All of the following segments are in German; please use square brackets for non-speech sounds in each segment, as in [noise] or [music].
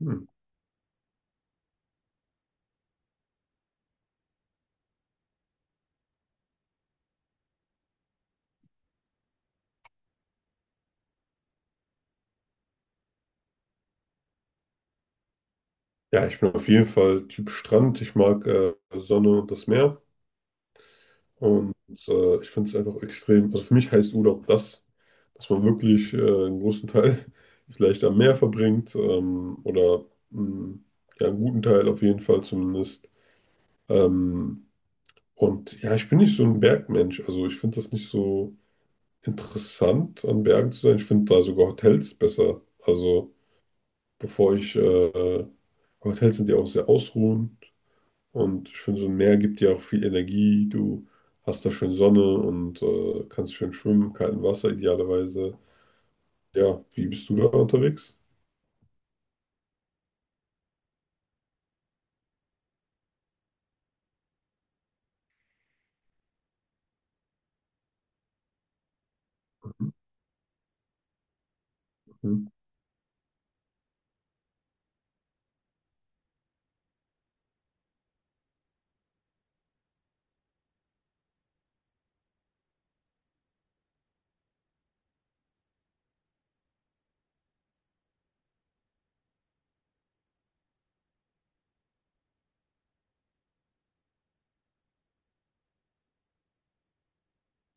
Hm. Ja, ich bin auf jeden Fall Typ Strand. Ich mag Sonne und das Meer. Und ich finde es einfach extrem. Also für mich heißt Urlaub das, dass man wirklich einen großen Teil [laughs] vielleicht am Meer verbringt, oder mh, ja, einen guten Teil auf jeden Fall zumindest. Ähm, und ja, ich bin nicht so ein Bergmensch. Also ich finde das nicht so interessant, an Bergen zu sein. Ich finde da sogar Hotels besser. Also bevor ich, äh, Hotels sind ja auch sehr ausruhend. Und ich finde, so ein Meer gibt dir auch viel Energie. Du hast da schön Sonne und kannst schön schwimmen, kalten Wasser idealerweise. Ja, wie bist du da unterwegs? Mhm.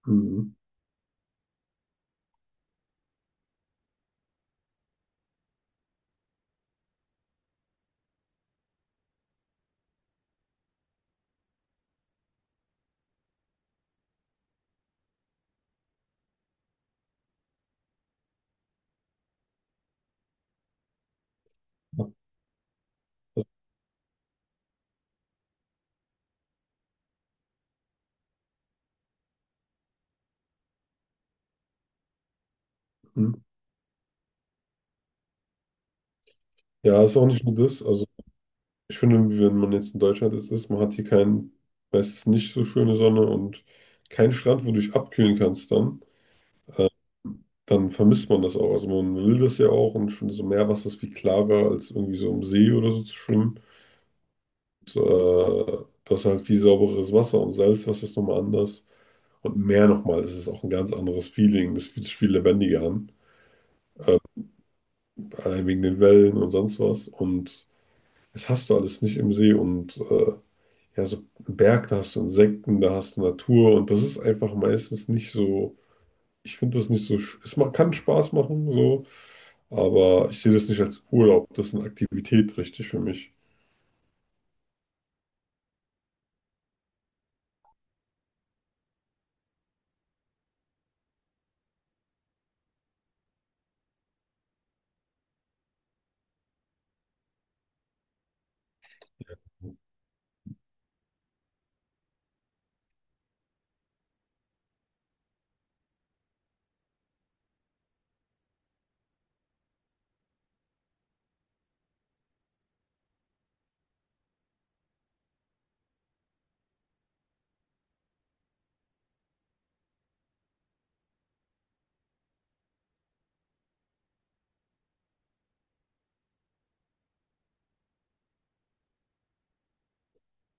Mhm. Mhm. Ja, ist auch nicht nur das. Also ich finde, wenn man jetzt in Deutschland ist, ist man hat hier kein, meistens nicht so schöne Sonne und keinen Strand, wo du dich abkühlen kannst dann, dann vermisst man das auch. Also man will das ja auch und ich finde, so Meerwasser ist viel klarer als irgendwie so im See oder so zu schwimmen. Das ist halt viel saubereres Wasser und Salzwasser ist nochmal anders. Und Meer nochmal, das ist auch ein ganz anderes Feeling. Das fühlt sich viel lebendiger an. Allein wegen den Wellen und sonst was. Und das hast du alles nicht im See. Und ja, so einen Berg, da hast du Insekten, da hast du Natur. Und das ist einfach meistens nicht so. Ich finde das nicht so. Kann Spaß machen, so. Aber ich sehe das nicht als Urlaub. Das ist eine Aktivität, richtig, für mich.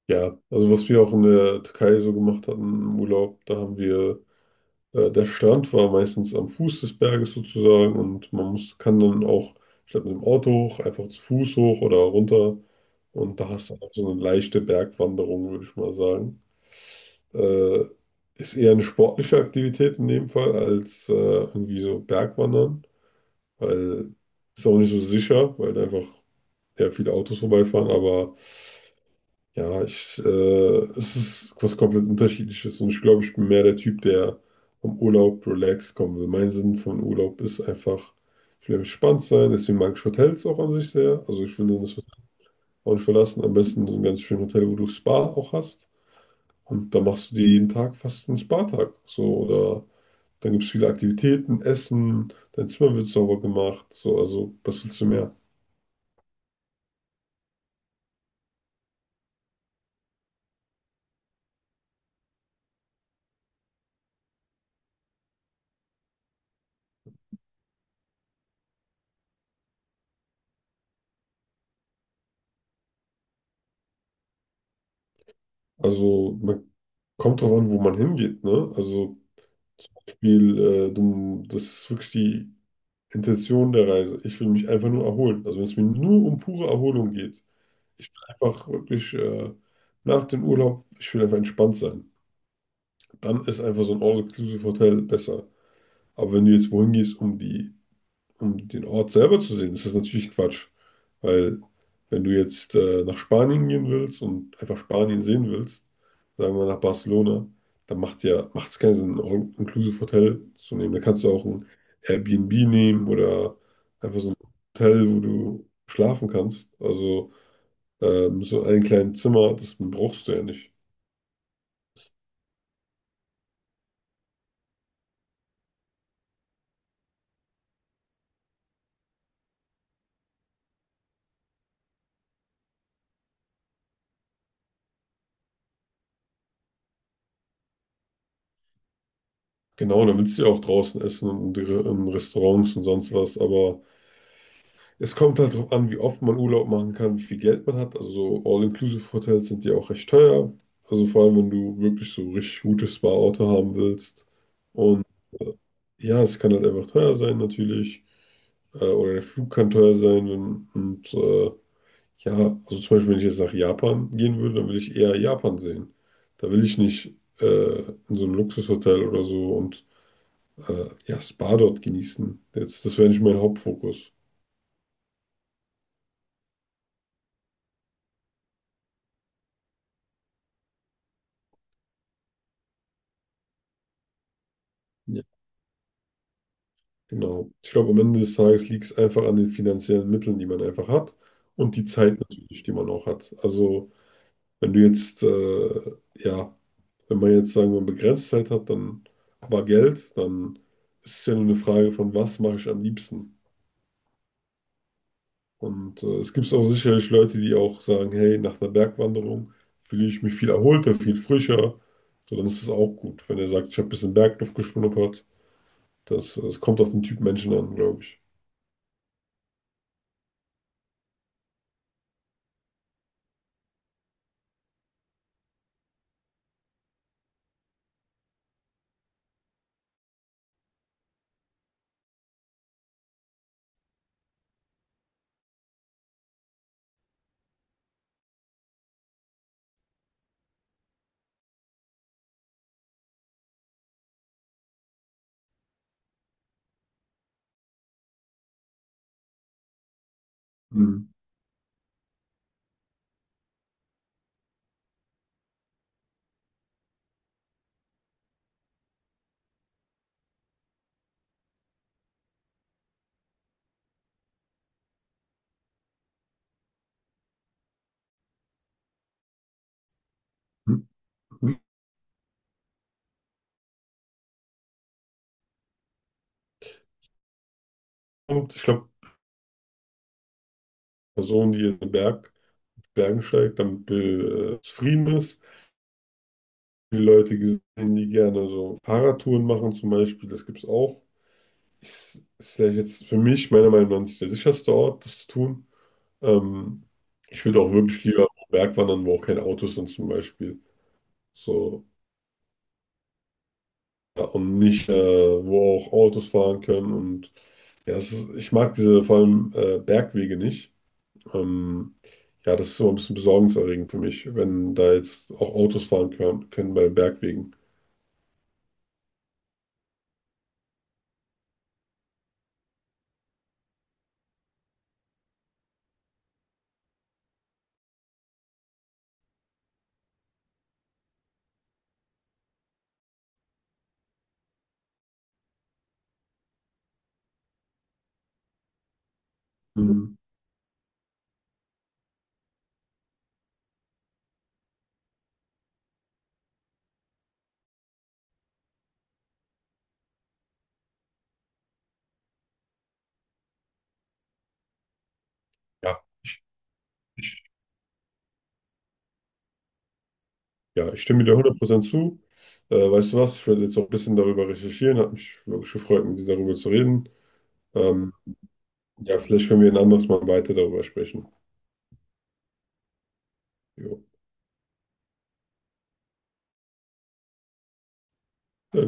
Ja, also was wir auch in der Türkei so gemacht hatten im Urlaub, da haben wir der Strand war meistens am Fuß des Berges sozusagen und man kann dann auch statt mit dem Auto hoch, einfach zu Fuß hoch oder runter. Und da hast du auch so eine leichte Bergwanderung, würde ich mal sagen. Äh, ist eher eine sportliche Aktivität in dem Fall als irgendwie so Bergwandern, weil ist auch nicht so sicher, weil da einfach ja, viele Autos vorbeifahren, aber ja, es ist was komplett Unterschiedliches und ich glaube, ich bin mehr der Typ, der vom Urlaub relaxed kommen will. Mein Sinn von Urlaub ist einfach, ich will entspannt sein, deswegen mag ich Hotels auch an sich sehr. Also ich will das Hotel auch nicht verlassen, am besten so ein ganz schönes Hotel, wo du Spa auch hast. Und da machst du dir jeden Tag fast einen Spa-Tag. So, oder dann gibt es viele Aktivitäten, Essen, dein Zimmer wird sauber gemacht. So, also was willst du mehr? Also man kommt drauf an, wo man hingeht, ne? Also das ist wirklich die Intention der Reise. Ich will mich einfach nur erholen. Also wenn es mir nur um pure Erholung geht, ich will einfach wirklich nach dem Urlaub, ich will einfach entspannt sein. Dann ist einfach so ein All-Inclusive-Hotel besser. Aber wenn du jetzt wohin gehst, um die um den Ort selber zu sehen, ist das natürlich Quatsch. Weil wenn du jetzt nach Spanien gehen willst und einfach Spanien sehen willst, sagen wir nach Barcelona, dann macht es keinen Sinn, ein All-Inclusive-Hotel zu nehmen. Da kannst du auch ein Airbnb nehmen oder einfach so ein Hotel, wo du schlafen kannst. Also so ein kleines Zimmer, das brauchst du ja nicht. Genau, dann willst du ja auch draußen essen und in Restaurants und sonst was, aber es kommt halt darauf an, wie oft man Urlaub machen kann, wie viel Geld man hat. Also so All-Inclusive-Hotels sind ja auch recht teuer. Also vor allem, wenn du wirklich so richtig gutes Spa-Auto haben willst. Und äh, ja, es kann halt einfach teuer sein natürlich. Oder der Flug kann teuer sein. Ja, also zum Beispiel, wenn ich jetzt nach Japan gehen würde, dann will ich eher Japan sehen. Da will ich nicht in so einem Luxushotel oder so und ja, Spa dort genießen. Jetzt, das wäre nicht mein Hauptfokus. Genau. Ich glaube, am Ende des Tages liegt es einfach an den finanziellen Mitteln, die man einfach hat und die Zeit natürlich, die man auch hat. Also, wenn du jetzt, äh, ja, wenn man jetzt sagen wir begrenzt Zeit hat, dann aber Geld, dann ist es ja nur eine Frage von, was mache ich am liebsten? Und es gibt auch sicherlich Leute, die auch sagen, hey, nach einer Bergwanderung fühle ich mich viel erholter, viel frischer. So, dann ist es auch gut. Wenn er sagt, ich habe ein bisschen Bergluft geschnuppert, das kommt auf den Typ Menschen an, glaube ich. Mhm. Und ich glaube, Person, die in Bergen steigt, damit zufrieden ist. Die Leute gesehen, die gerne so Fahrradtouren machen, zum Beispiel, das gibt es auch. Ist vielleicht jetzt für mich, meiner Meinung nach, nicht der sicherste Ort, das zu tun. Ähm, Ich würde auch wirklich lieber auf Berg wandern, wo auch keine Autos sind, zum Beispiel. So, ja, und nicht, wo auch Autos fahren können. Und ja, es ist, ich mag diese vor allem Bergwege nicht. Ähm, ja, das ist so ein bisschen besorgniserregend für mich, wenn da jetzt auch Autos fahren können bei Bergwegen. Mhm. Ja, ja, ich stimme dir 100% zu. Weißt du was? Ich werde jetzt auch ein bisschen darüber recherchieren. Hat mich wirklich gefreut, mit dir darüber zu reden. Ähm, ja, vielleicht können wir ein anderes Mal weiter darüber sprechen. Jo.